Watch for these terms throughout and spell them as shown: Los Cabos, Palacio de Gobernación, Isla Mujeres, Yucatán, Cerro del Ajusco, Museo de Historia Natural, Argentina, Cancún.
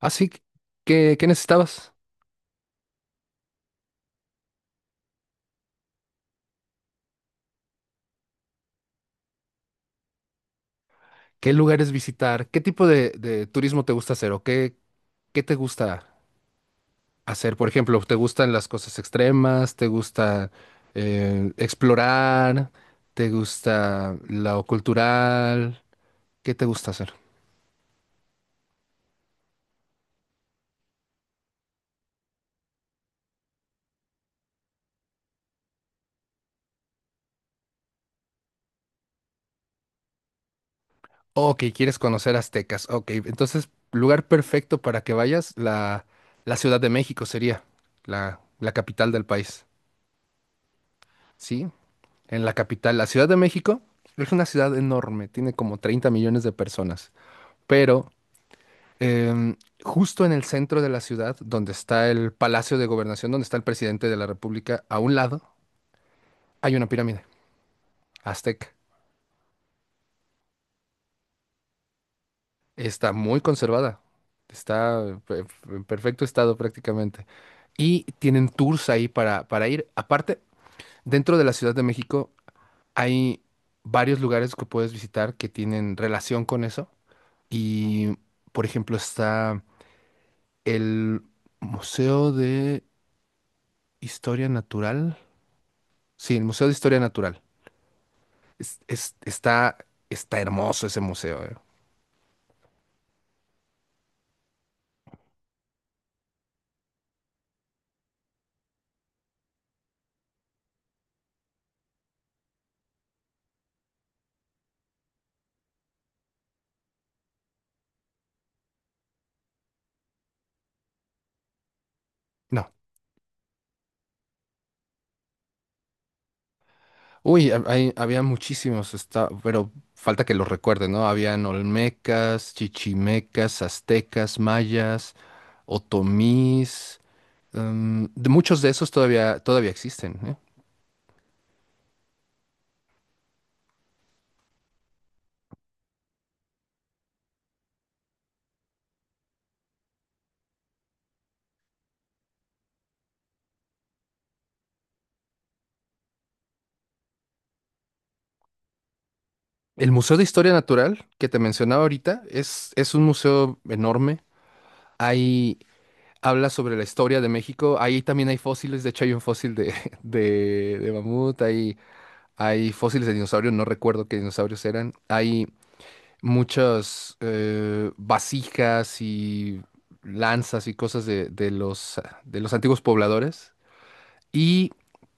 Así que, ¿qué necesitabas? ¿Qué lugares visitar? ¿Qué tipo de turismo te gusta hacer? ¿O qué, qué te gusta hacer? Por ejemplo, ¿te gustan las cosas extremas? ¿Te gusta explorar? ¿Te gusta lo cultural? ¿Qué te gusta hacer? Ok, quieres conocer aztecas. Ok, entonces, lugar perfecto para que vayas, la Ciudad de México sería la capital del país. ¿Sí? En la capital, la Ciudad de México, es una ciudad enorme, tiene como 30 millones de personas, pero em, justo en el centro de la ciudad, donde está el Palacio de Gobernación, donde está el presidente de la República, a un lado hay una pirámide azteca. Está muy conservada, está pe- en perfecto estado prácticamente. Y tienen tours ahí para ir. Aparte, dentro de la Ciudad de México hay varios lugares que puedes visitar que tienen relación con eso. Y, por ejemplo, está el Museo de Historia Natural. Sí, el Museo de Historia Natural. Está, está hermoso ese museo, eh. No. Uy, había muchísimos, está, pero falta que los recuerde, ¿no? Habían olmecas, chichimecas, aztecas, mayas, otomís. De muchos de esos todavía existen, ¿eh? El Museo de Historia Natural que te mencionaba ahorita es un museo enorme. Hay Habla sobre la historia de México. Ahí también hay fósiles, de hecho hay un fósil de, de mamut, hay fósiles de dinosaurios, no recuerdo qué dinosaurios eran. Hay muchas vasijas y lanzas y cosas de de los antiguos pobladores. Y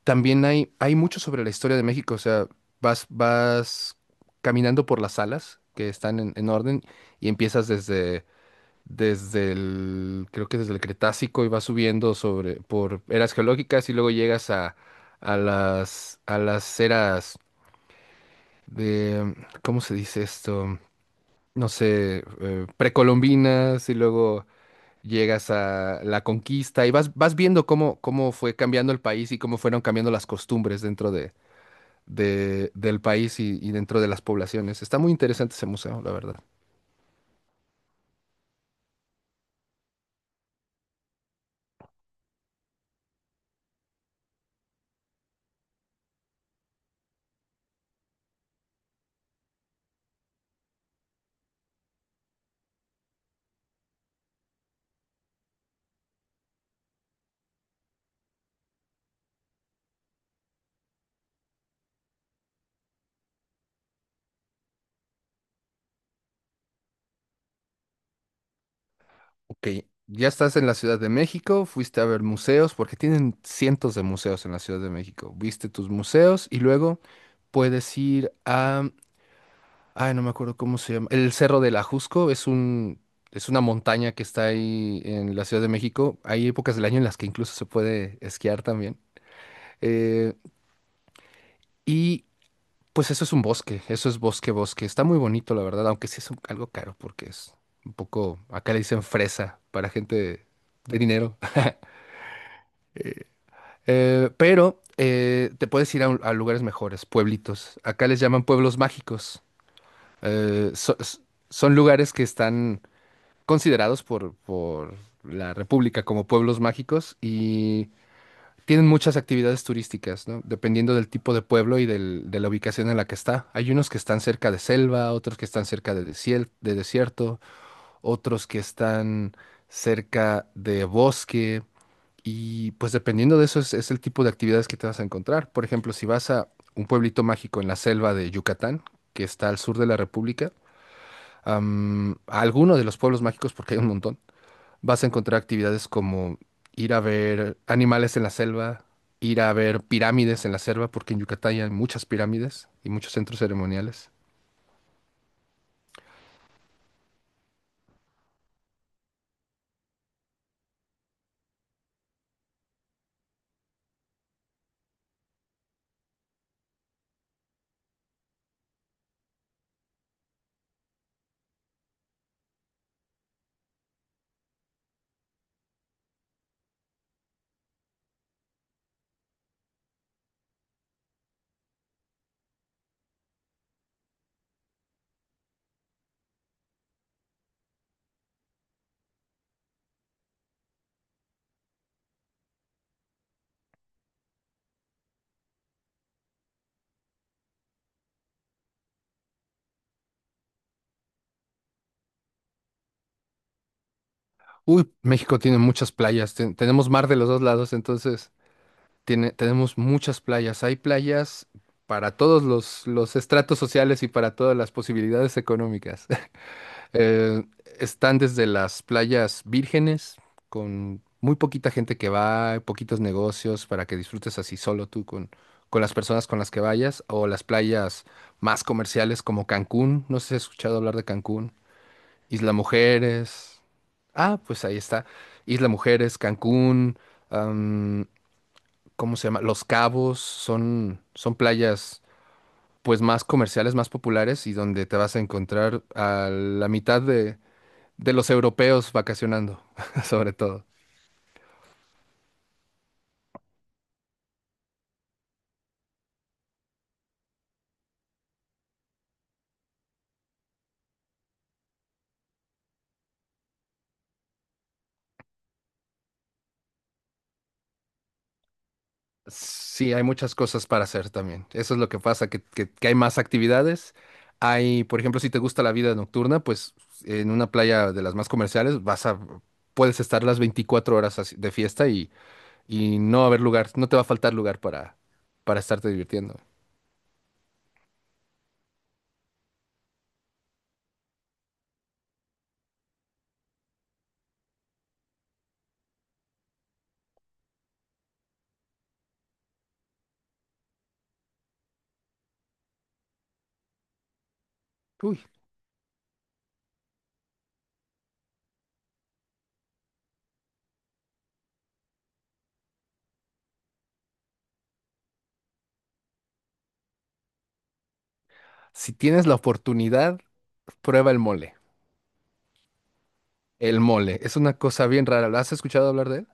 también hay mucho sobre la historia de México, o sea, vas caminando por las salas que están en orden y empiezas desde el, creo que desde el Cretácico y vas subiendo sobre, por eras geológicas y luego llegas a a las eras de, ¿cómo se dice esto? No sé, precolombinas y luego llegas a la conquista y vas viendo cómo, cómo fue cambiando el país y cómo fueron cambiando las costumbres dentro de, del país y dentro de las poblaciones. Está muy interesante ese museo, la verdad. Ok, ya estás en la Ciudad de México, fuiste a ver museos, porque tienen cientos de museos en la Ciudad de México. Viste tus museos y luego puedes ir a, ay, no me acuerdo cómo se llama, el Cerro del Ajusco, es una montaña que está ahí en la Ciudad de México. Hay épocas del año en las que incluso se puede esquiar también. Eh, y pues eso es un bosque, eso es bosque. Está muy bonito, la verdad, aunque sí algo caro porque es un poco, acá le dicen fresa para gente de dinero. Pero te puedes ir a lugares mejores, pueblitos. Acá les llaman pueblos mágicos. Eh, so- s- Son lugares que están considerados por la República como pueblos mágicos y tienen muchas actividades turísticas, ¿no? Dependiendo del tipo de pueblo y de la ubicación en la que está. Hay unos que están cerca de selva, otros que están cerca de, de desierto, otros que están cerca de bosque. Y pues dependiendo de eso es el tipo de actividades que te vas a encontrar. Por ejemplo, si vas a un pueblito mágico en la selva de Yucatán, que está al sur de la República, a alguno de los pueblos mágicos, porque hay un montón, vas a encontrar actividades como ir a ver animales en la selva, ir a ver pirámides en la selva, porque en Yucatán hay muchas pirámides y muchos centros ceremoniales. Uy, México tiene muchas playas, tenemos mar de los dos lados, entonces tiene, tenemos muchas playas. Hay playas para todos los estratos sociales y para todas las posibilidades económicas. Eh, Están desde las playas vírgenes, con muy poquita gente que va, poquitos negocios para que disfrutes así solo tú con las personas con las que vayas, o las playas más comerciales como Cancún. No sé si has escuchado hablar de Cancún. Isla Mujeres. Ah, pues ahí está. Isla Mujeres, Cancún. ¿Cómo se llama? Los Cabos son playas pues más comerciales, más populares y donde te vas a encontrar a la mitad de los europeos vacacionando, sobre todo. Sí, hay muchas cosas para hacer también. Eso es lo que pasa, que hay más actividades. Hay, por ejemplo, si te gusta la vida nocturna, pues en una playa de las más comerciales puedes estar las 24 horas así de fiesta y no va a haber lugar, no te va a faltar lugar para estarte divirtiendo. Uy. Si tienes la oportunidad, prueba el mole. El mole es una cosa bien rara. ¿Has escuchado hablar de él?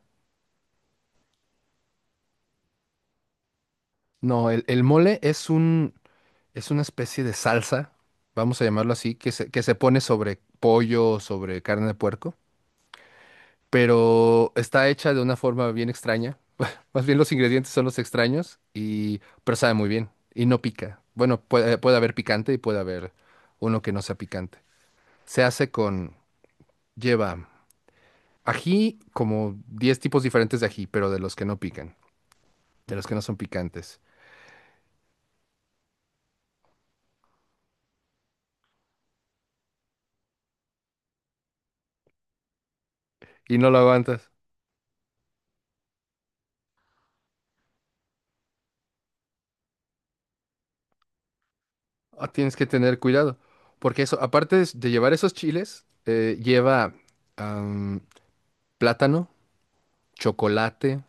No, el mole es una especie de salsa, vamos a llamarlo así, que se pone sobre pollo, sobre carne de puerco, pero está hecha de una forma bien extraña. Más bien los ingredientes son los extraños, y, pero sabe muy bien y no pica. Bueno, puede haber picante y puede haber uno que no sea picante. Se hace con, lleva ají, como 10 tipos diferentes de ají, pero de los que no pican, de los que no son picantes. Y no lo aguantas. Ah, tienes que tener cuidado. Porque eso, aparte de llevar esos chiles, lleva am, plátano, chocolate,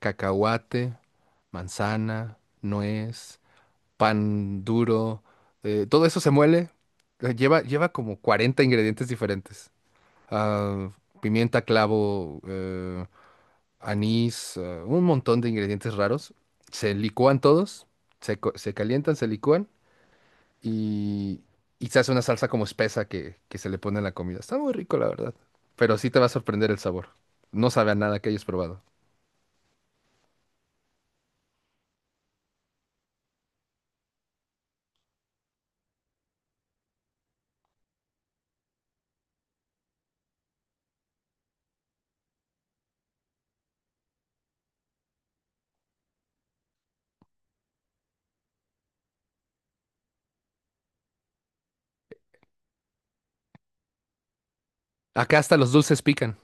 cacahuate, manzana, nuez, pan duro. Todo eso se muele. Lleva como 40 ingredientes diferentes. ah, Pimienta, clavo, anís, un montón de ingredientes raros. Se licúan todos, se calientan, se licúan y, y se hace una salsa como espesa que se le pone a la comida. Está muy rico, la verdad. Pero sí te va a sorprender el sabor. No sabe a nada que hayas probado. Acá hasta los dulces pican.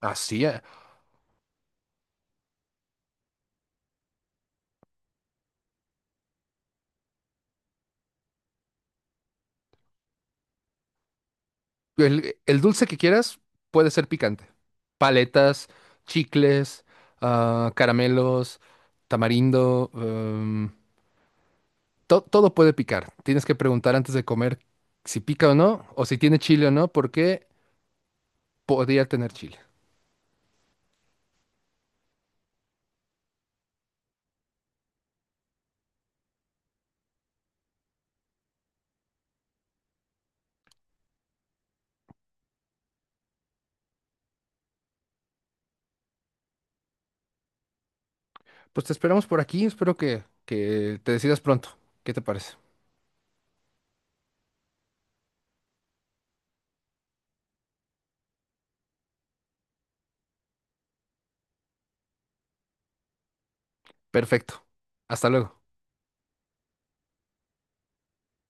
Así, ah, el dulce que quieras puede ser picante. Paletas, chicles, ah, caramelos, tamarindo, todo puede picar. Tienes que preguntar antes de comer si pica o no, o si tiene chile o no, porque podría tener chile. Pues te esperamos por aquí, espero que te decidas pronto. ¿Qué te parece? Perfecto. Hasta luego.